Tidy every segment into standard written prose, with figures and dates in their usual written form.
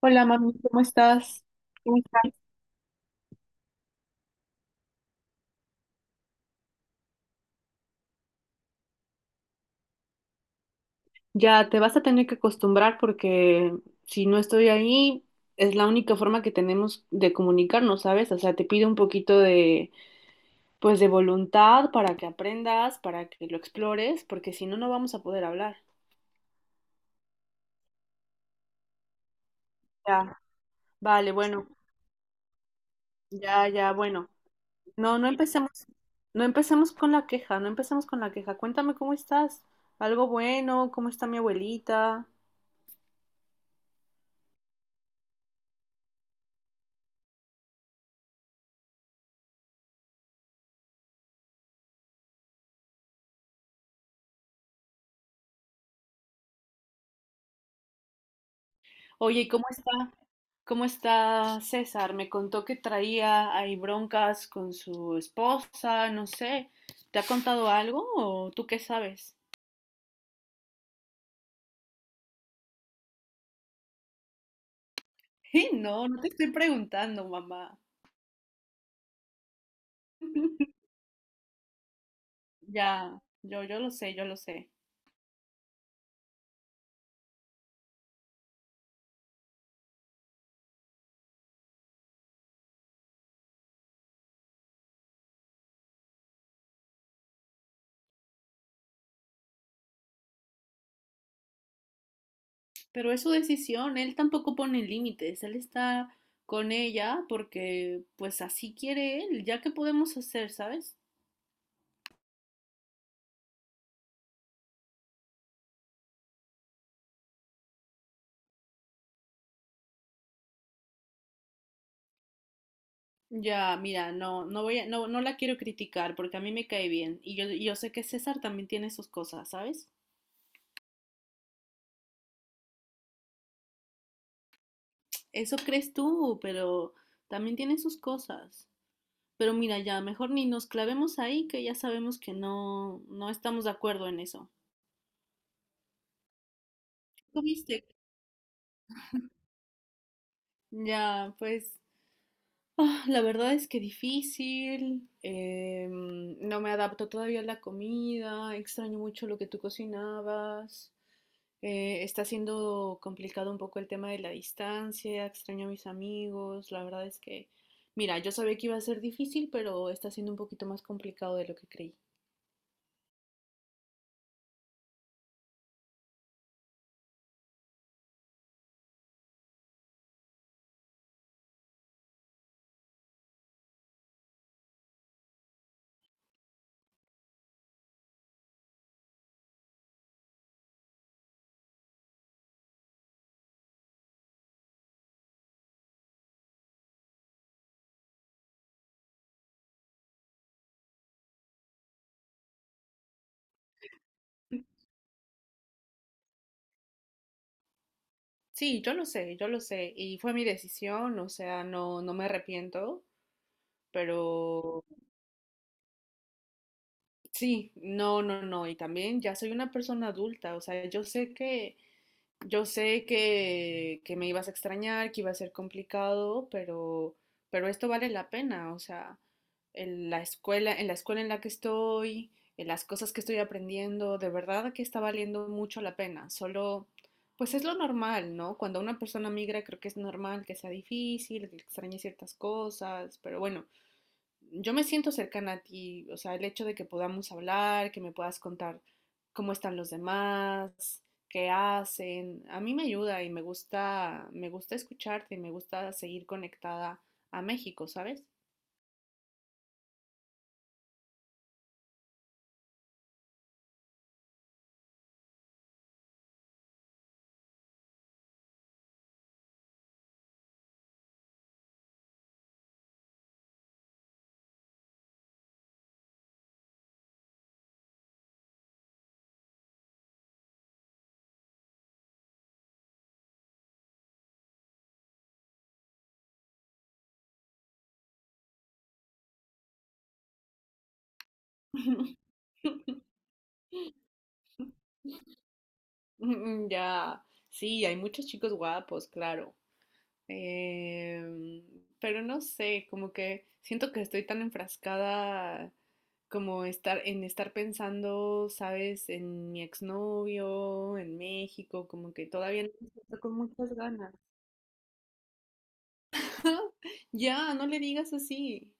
Hola, mami, ¿cómo estás? ¿Cómo estás? Ya te vas a tener que acostumbrar porque si no estoy ahí, es la única forma que tenemos de comunicarnos, ¿sabes? O sea, te pido un poquito de, pues, de voluntad para que aprendas, para que lo explores, porque si no, no vamos a poder hablar. Ya, vale, bueno, ya, ya, bueno. No, no empecemos, no empecemos con la queja, no empecemos con la queja. Cuéntame cómo estás. ¿Algo bueno? ¿Cómo está mi abuelita? Oye, ¿cómo está? ¿Cómo está César? Me contó que traía ahí broncas con su esposa, no sé. ¿Te ha contado algo o tú qué sabes? No, no te estoy preguntando, mamá. Ya, yo lo sé, yo lo sé. Pero es su decisión, él tampoco pone límites, él está con ella porque pues así quiere él, ya que podemos hacer, ¿sabes? Ya, mira, no, no voy a, no, no la quiero criticar porque a mí me cae bien y yo sé que César también tiene sus cosas, ¿sabes? Eso crees tú, pero también tiene sus cosas. Pero mira, ya mejor ni nos clavemos ahí, que ya sabemos que no, no estamos de acuerdo en eso. ¿Tú viste? Ya, pues, ah, la verdad es que difícil. No me adapto todavía a la comida. Extraño mucho lo que tú cocinabas. Está siendo complicado un poco el tema de la distancia, extraño a mis amigos, la verdad es que, mira, yo sabía que iba a ser difícil, pero está siendo un poquito más complicado de lo que creí. Sí, yo lo sé, y fue mi decisión, o sea, no, no me arrepiento, pero sí, no, no, no, y también ya soy una persona adulta, o sea, yo sé que yo sé que me ibas a extrañar, que iba a ser complicado, pero esto vale la pena. O sea, en la escuela, en la escuela en la que estoy, en las cosas que estoy aprendiendo, de verdad que está valiendo mucho la pena. Solo, pues es lo normal, ¿no? Cuando una persona migra, creo que es normal que sea difícil, que extrañe ciertas cosas, pero bueno, yo me siento cercana a ti, o sea, el hecho de que podamos hablar, que me puedas contar cómo están los demás, qué hacen, a mí me ayuda y me gusta escucharte y me gusta seguir conectada a México, ¿sabes? Ya, sí, hay muchos chicos guapos, claro. Em, pero no sé, como que siento que estoy tan enfrascada como estar en estar pensando, ¿sabes? En mi exnovio, en México, como que todavía no me siento con muchas ganas. Ya, no le digas así,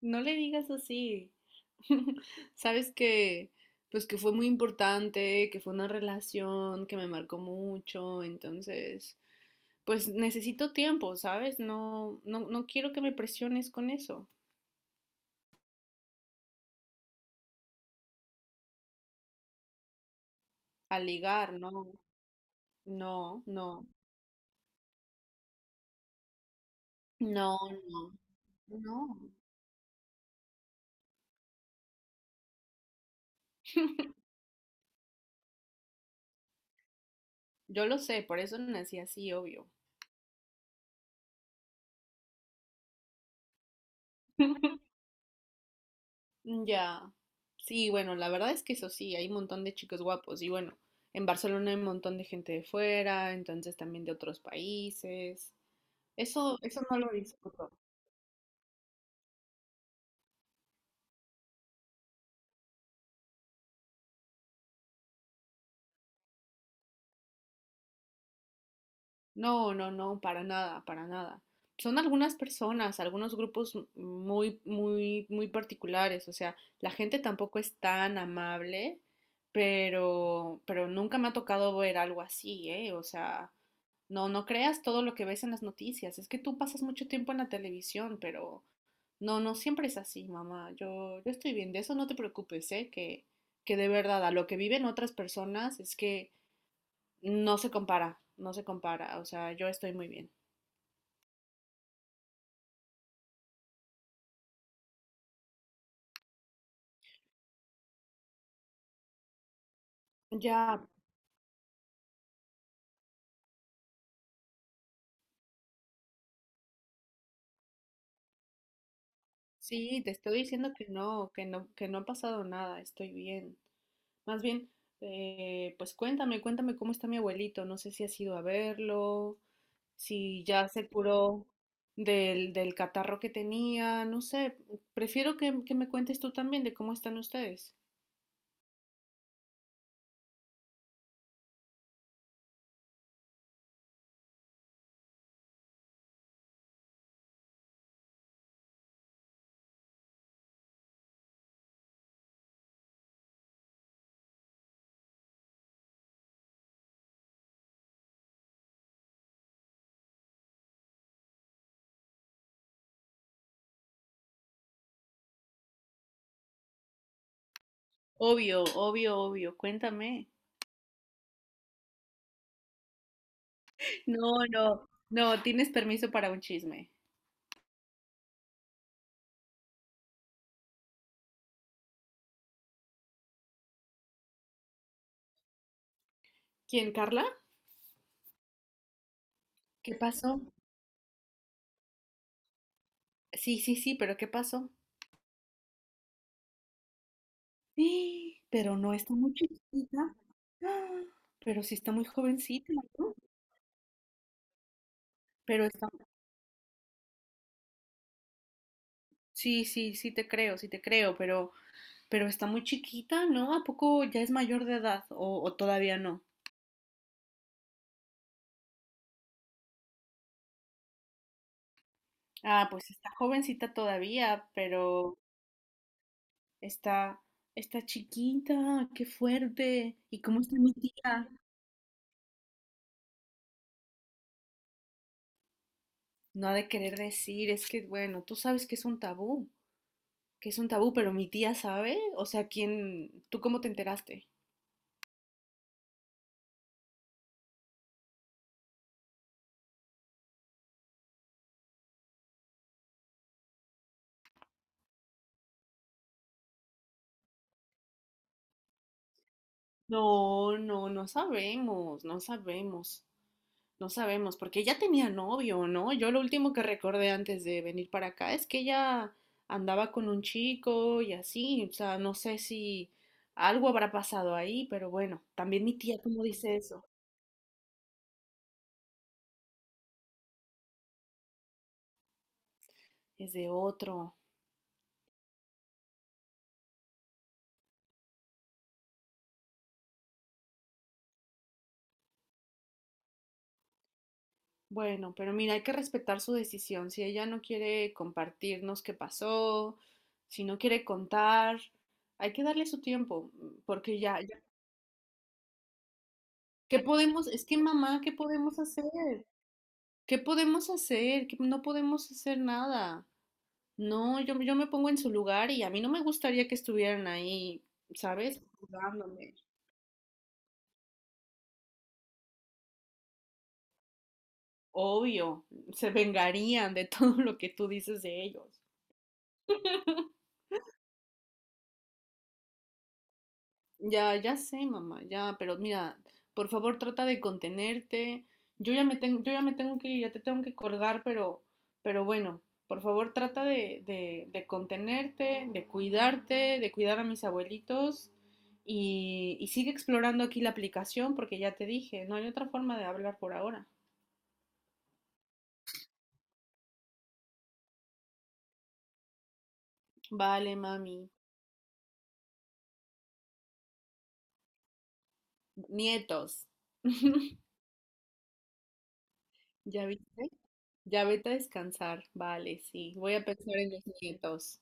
no le digas así. Sabes que, pues que fue muy importante, que fue una relación que me marcó mucho, entonces pues necesito tiempo, ¿sabes? No, no, no quiero que me presiones con eso. A ligar, no, no, no, no, no, no. Yo lo sé, por eso nací así, obvio. Ya. Sí, bueno, la verdad es que eso sí, hay un montón de chicos guapos. Y bueno, en Barcelona hay un montón de gente de fuera, entonces también de otros países. Eso no lo discuto. No, no, no, para nada, para nada. Son algunas personas, algunos grupos muy, muy, muy particulares. O sea, la gente tampoco es tan amable, pero nunca me ha tocado ver algo así, ¿eh? O sea, no, no creas todo lo que ves en las noticias. Es que tú pasas mucho tiempo en la televisión, pero no, no siempre es así, mamá. Yo estoy bien, de eso no te preocupes, ¿eh? Que de verdad, a lo que viven otras personas es que no se compara, no se compara, o sea, yo estoy muy bien. Ya, sí, te estoy diciendo que no, que no, que no ha pasado nada, estoy bien. Más bien, pues cuéntame, cuéntame cómo está mi abuelito, no sé si has ido a verlo, si ya se curó del catarro que tenía, no sé, prefiero que me cuentes tú también de cómo están ustedes. Obvio, obvio, obvio, cuéntame. No, no, no, tienes permiso para un chisme. ¿Quién, Carla? ¿Qué pasó? Sí, sí, sí, pero ¿qué pasó? ¡Ah! Pero no está muy chiquita. ¡Ah! Pero sí está muy jovencita, ¿no? Pero está, sí, sí, sí te creo, pero está muy chiquita, ¿no? ¿A poco ya es mayor de edad o todavía no? Ah, pues está jovencita todavía, pero está, está chiquita, qué fuerte. ¿Y cómo está mi tía? No ha de querer decir, es que, bueno, tú sabes que es un tabú. Que es un tabú, pero mi tía sabe, o sea, ¿quién, tú cómo te enteraste? No, no, no sabemos, no sabemos, no sabemos, porque ella tenía novio, ¿no? Yo lo último que recordé antes de venir para acá es que ella andaba con un chico y así, o sea, no sé si algo habrá pasado ahí, pero bueno, también mi tía, ¿cómo dice eso? Es de otro. Bueno, pero mira, hay que respetar su decisión. Si ella no quiere compartirnos qué pasó, si no quiere contar, hay que darle su tiempo, porque ya, ya, ¿qué podemos? Es que mamá, ¿qué podemos hacer? ¿Qué podemos hacer? Que no podemos hacer nada. No, yo me pongo en su lugar y a mí no me gustaría que estuvieran ahí, ¿sabes? Juzgándome. Obvio, se vengarían de todo lo que tú dices de ellos. Ya, ya sé, mamá, ya, pero mira, por favor trata de contenerte. Yo ya me tengo que ir, ya te tengo que colgar, pero bueno, por favor trata de, de contenerte, de cuidarte, de cuidar a mis abuelitos y sigue explorando aquí la aplicación porque ya te dije, no hay otra forma de hablar por ahora. Vale, mami. Nietos. ¿Ya viste? Ya vete a descansar. Vale, sí. Voy a pensar en los nietos.